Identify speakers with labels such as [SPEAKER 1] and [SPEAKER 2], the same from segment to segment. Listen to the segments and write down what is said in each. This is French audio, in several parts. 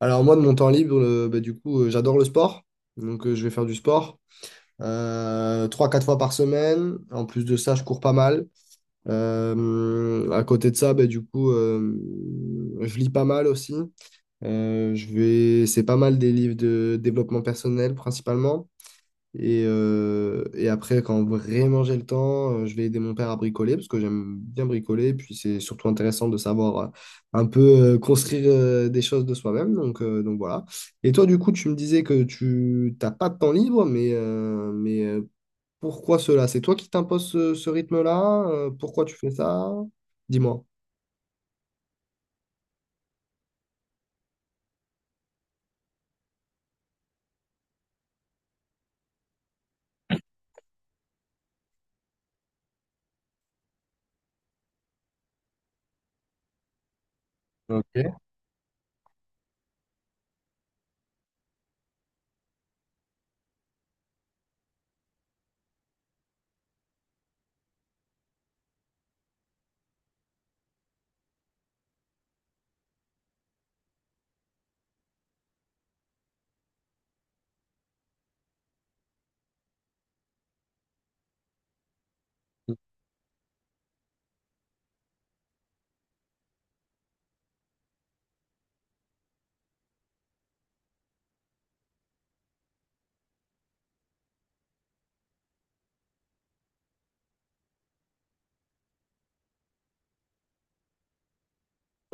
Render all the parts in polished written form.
[SPEAKER 1] Alors moi, de mon temps libre, bah, du coup, j'adore le sport. Donc je vais faire du sport 3-4 fois par semaine. En plus de ça, je cours pas mal. À côté de ça, bah, du coup, je lis pas mal aussi. C'est pas mal des livres de développement personnel principalement. Et après, quand vraiment j'ai le temps, je vais aider mon père à bricoler parce que j'aime bien bricoler. Et puis c'est surtout intéressant de savoir un peu construire des choses de soi-même. Donc voilà. Et toi, du coup, tu me disais que tu t'as pas de temps libre, mais pourquoi cela? C'est toi qui t'imposes ce rythme-là? Pourquoi tu fais ça? Dis-moi. Ok.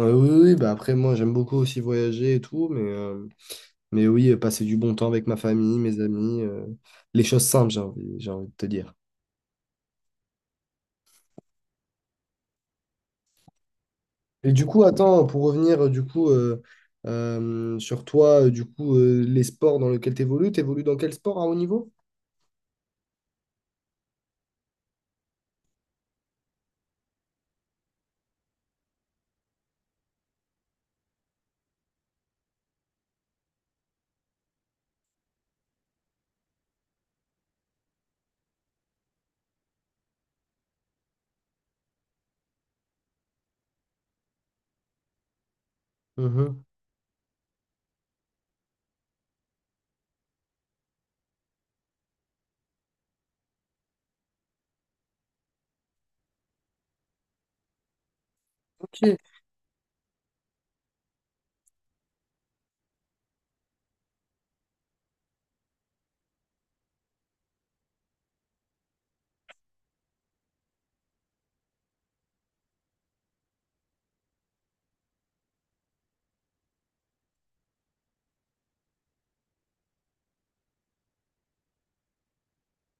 [SPEAKER 1] Oui, oui, bah après, moi, j'aime beaucoup aussi voyager et tout. Mais oui, passer du bon temps avec ma famille, mes amis, les choses simples, j'ai envie de te dire. Et du coup, attends, pour revenir du coup sur toi, du coup, les sports dans lesquels tu évolues, tu dans quel sport à haut niveau? Mhm. Je-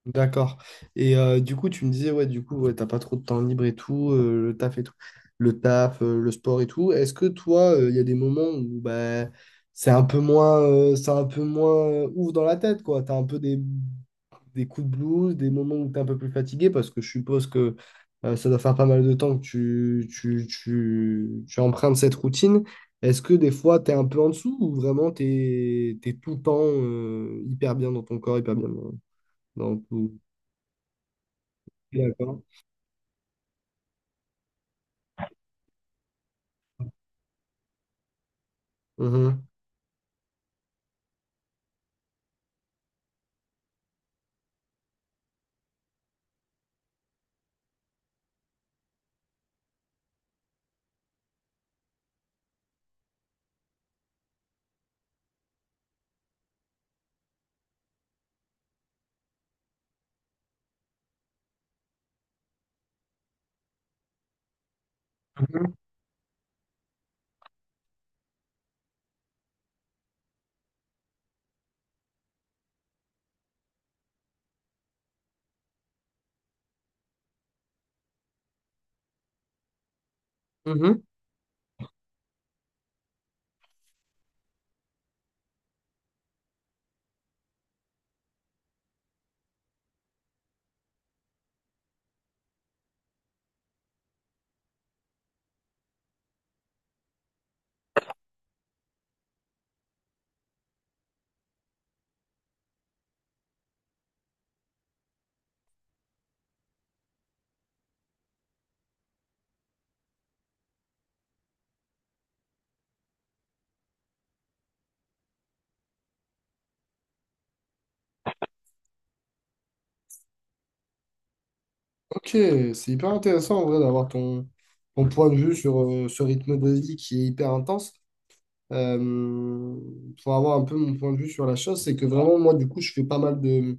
[SPEAKER 1] D'accord. Et du coup, tu me disais, ouais, du coup, ouais, t'as pas trop de temps libre et tout, le taf, le sport et tout. Est-ce que toi, il y a des moments où bah, c'est un peu moins, c'est un peu moins ouf dans la tête, quoi. T'as un peu des coups de blues, des moments où tu es un peu plus fatigué, parce que je suppose que ça doit faire pas mal de temps que tu empruntes cette routine. Est-ce que des fois, tu es un peu en dessous ou vraiment tu es, tout le temps hyper bien dans ton corps, hyper bien dans tout? D'accord. Mhm. Mhm. Mhm. Ok, c'est hyper intéressant en vrai d'avoir ton point de vue sur ce rythme de vie qui est hyper intense. Euh, pour avoir un peu mon point de vue sur la chose, c'est que vraiment, moi, du coup, je fais pas mal de,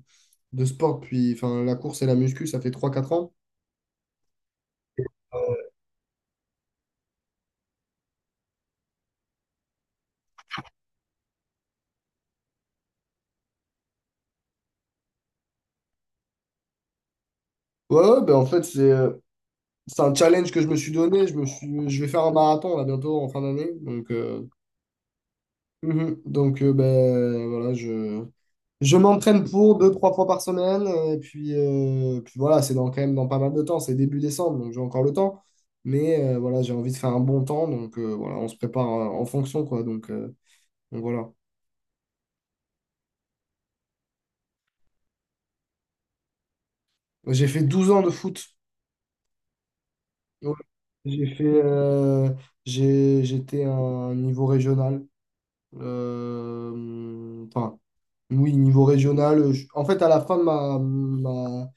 [SPEAKER 1] de sport. Puis, enfin, la course et la muscu, ça fait 3-4 ans. Ouais, ouais, ben en fait, c'est un challenge que je me suis donné. Je vais faire un marathon là bientôt en fin d'année. Donc, mhm. Donc ben, voilà, je m'entraîne pour deux, trois fois par semaine. Et puis voilà, c'est dans, quand même dans pas mal de temps. C'est début décembre, donc j'ai encore le temps. Mais voilà, j'ai envie de faire un bon temps. Donc voilà, on se prépare en fonction, quoi. Donc voilà. J'ai fait 12 ans de foot. Ouais. J'ai fait, euh, J'étais à un niveau régional. Enfin, oui, niveau régional. En fait, à la fin de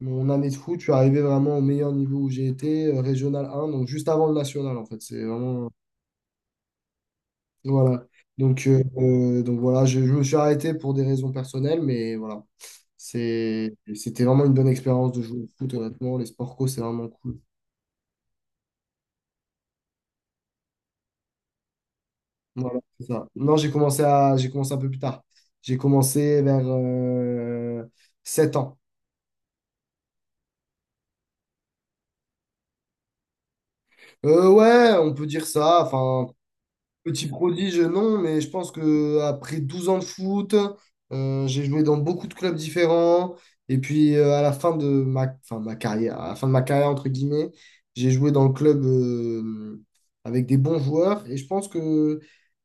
[SPEAKER 1] mon année de foot, je suis arrivé vraiment au meilleur niveau où j'ai été, régional un donc juste avant le national, en fait. C'est vraiment. Voilà. Donc voilà, je me suis arrêté pour des raisons personnelles, mais voilà. C'était vraiment une bonne expérience de jouer au foot, honnêtement. Les sports co, c'est vraiment cool. Voilà, c'est ça. Non, j'ai commencé un peu plus tard. J'ai commencé vers 7 ans. Ouais, on peut dire ça. Enfin, petit prodige, non, mais je pense que après 12 ans de foot, j'ai joué dans beaucoup de clubs différents. Et puis à la fin de ma, enfin, ma carrière, à la fin de ma carrière, entre guillemets, j'ai joué dans le club avec des bons joueurs. Et je pense que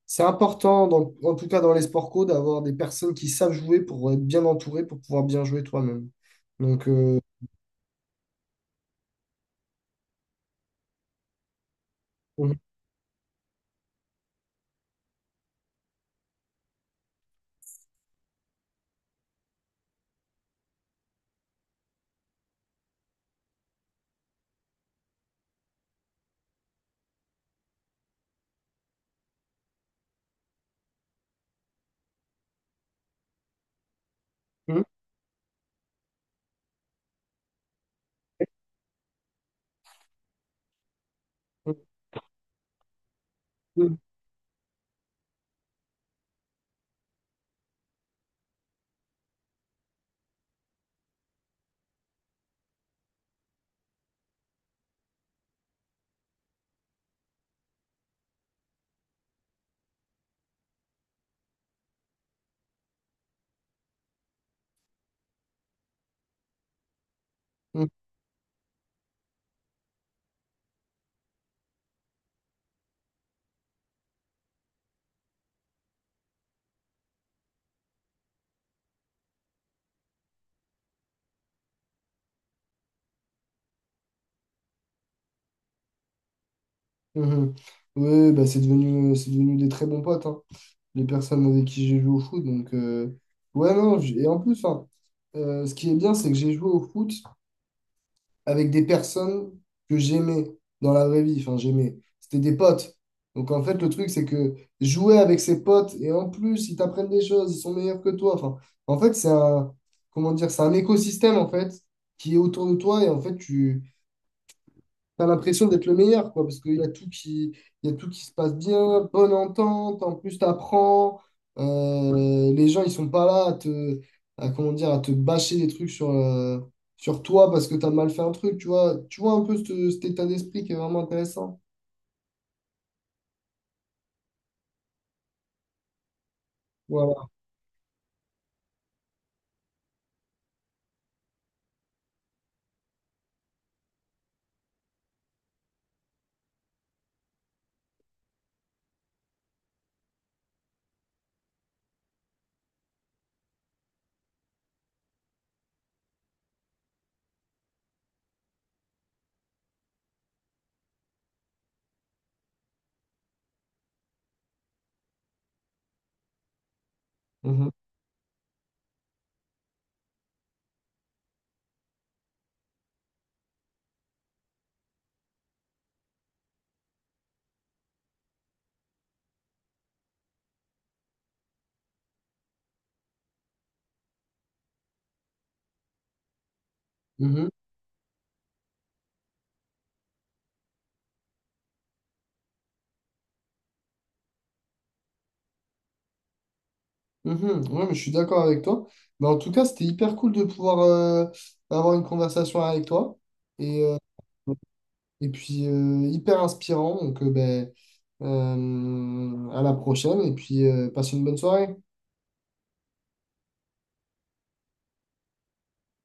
[SPEAKER 1] c'est important, en tout cas dans les sports co, d'avoir des personnes qui savent jouer pour être bien entouré, pour pouvoir bien jouer toi-même. Donc, mhm, mhm, mhm, mhm. Mhm. Ouais, bah, c'est devenu des très bons potes, hein. Les personnes avec qui j'ai joué au foot. Donc, ouais, non, et en plus, hein, ce qui est bien, c'est que j'ai joué au foot avec des personnes que j'aimais dans la vraie vie. Enfin, j'aimais. C'était des potes. Donc, en fait, le truc, c'est que jouer avec ses potes, et en plus, ils t'apprennent des choses, ils sont meilleurs que toi. Enfin, en fait, c'est un, comment dire, c'est un écosystème, en fait, qui est autour de toi. Et en fait, t'as l'impression d'être le meilleur, quoi, parce qu'il y a tout qui, il y a tout qui se passe bien, bonne entente, en plus t'apprends, les gens ils sont pas là à te, à, comment dire, à te bâcher des trucs sur toi parce que t'as mal fait un truc, tu vois un peu cet état d'esprit qui est vraiment intéressant. Voilà. Mhm. Mhm. Mhm. Ouais, mais je suis d'accord avec toi. Mais en tout cas, c'était hyper cool de pouvoir avoir une conversation avec toi. Et, euh, Et puis, hyper inspirant. Donc, ben, à la prochaine. Et puis, passe une bonne soirée.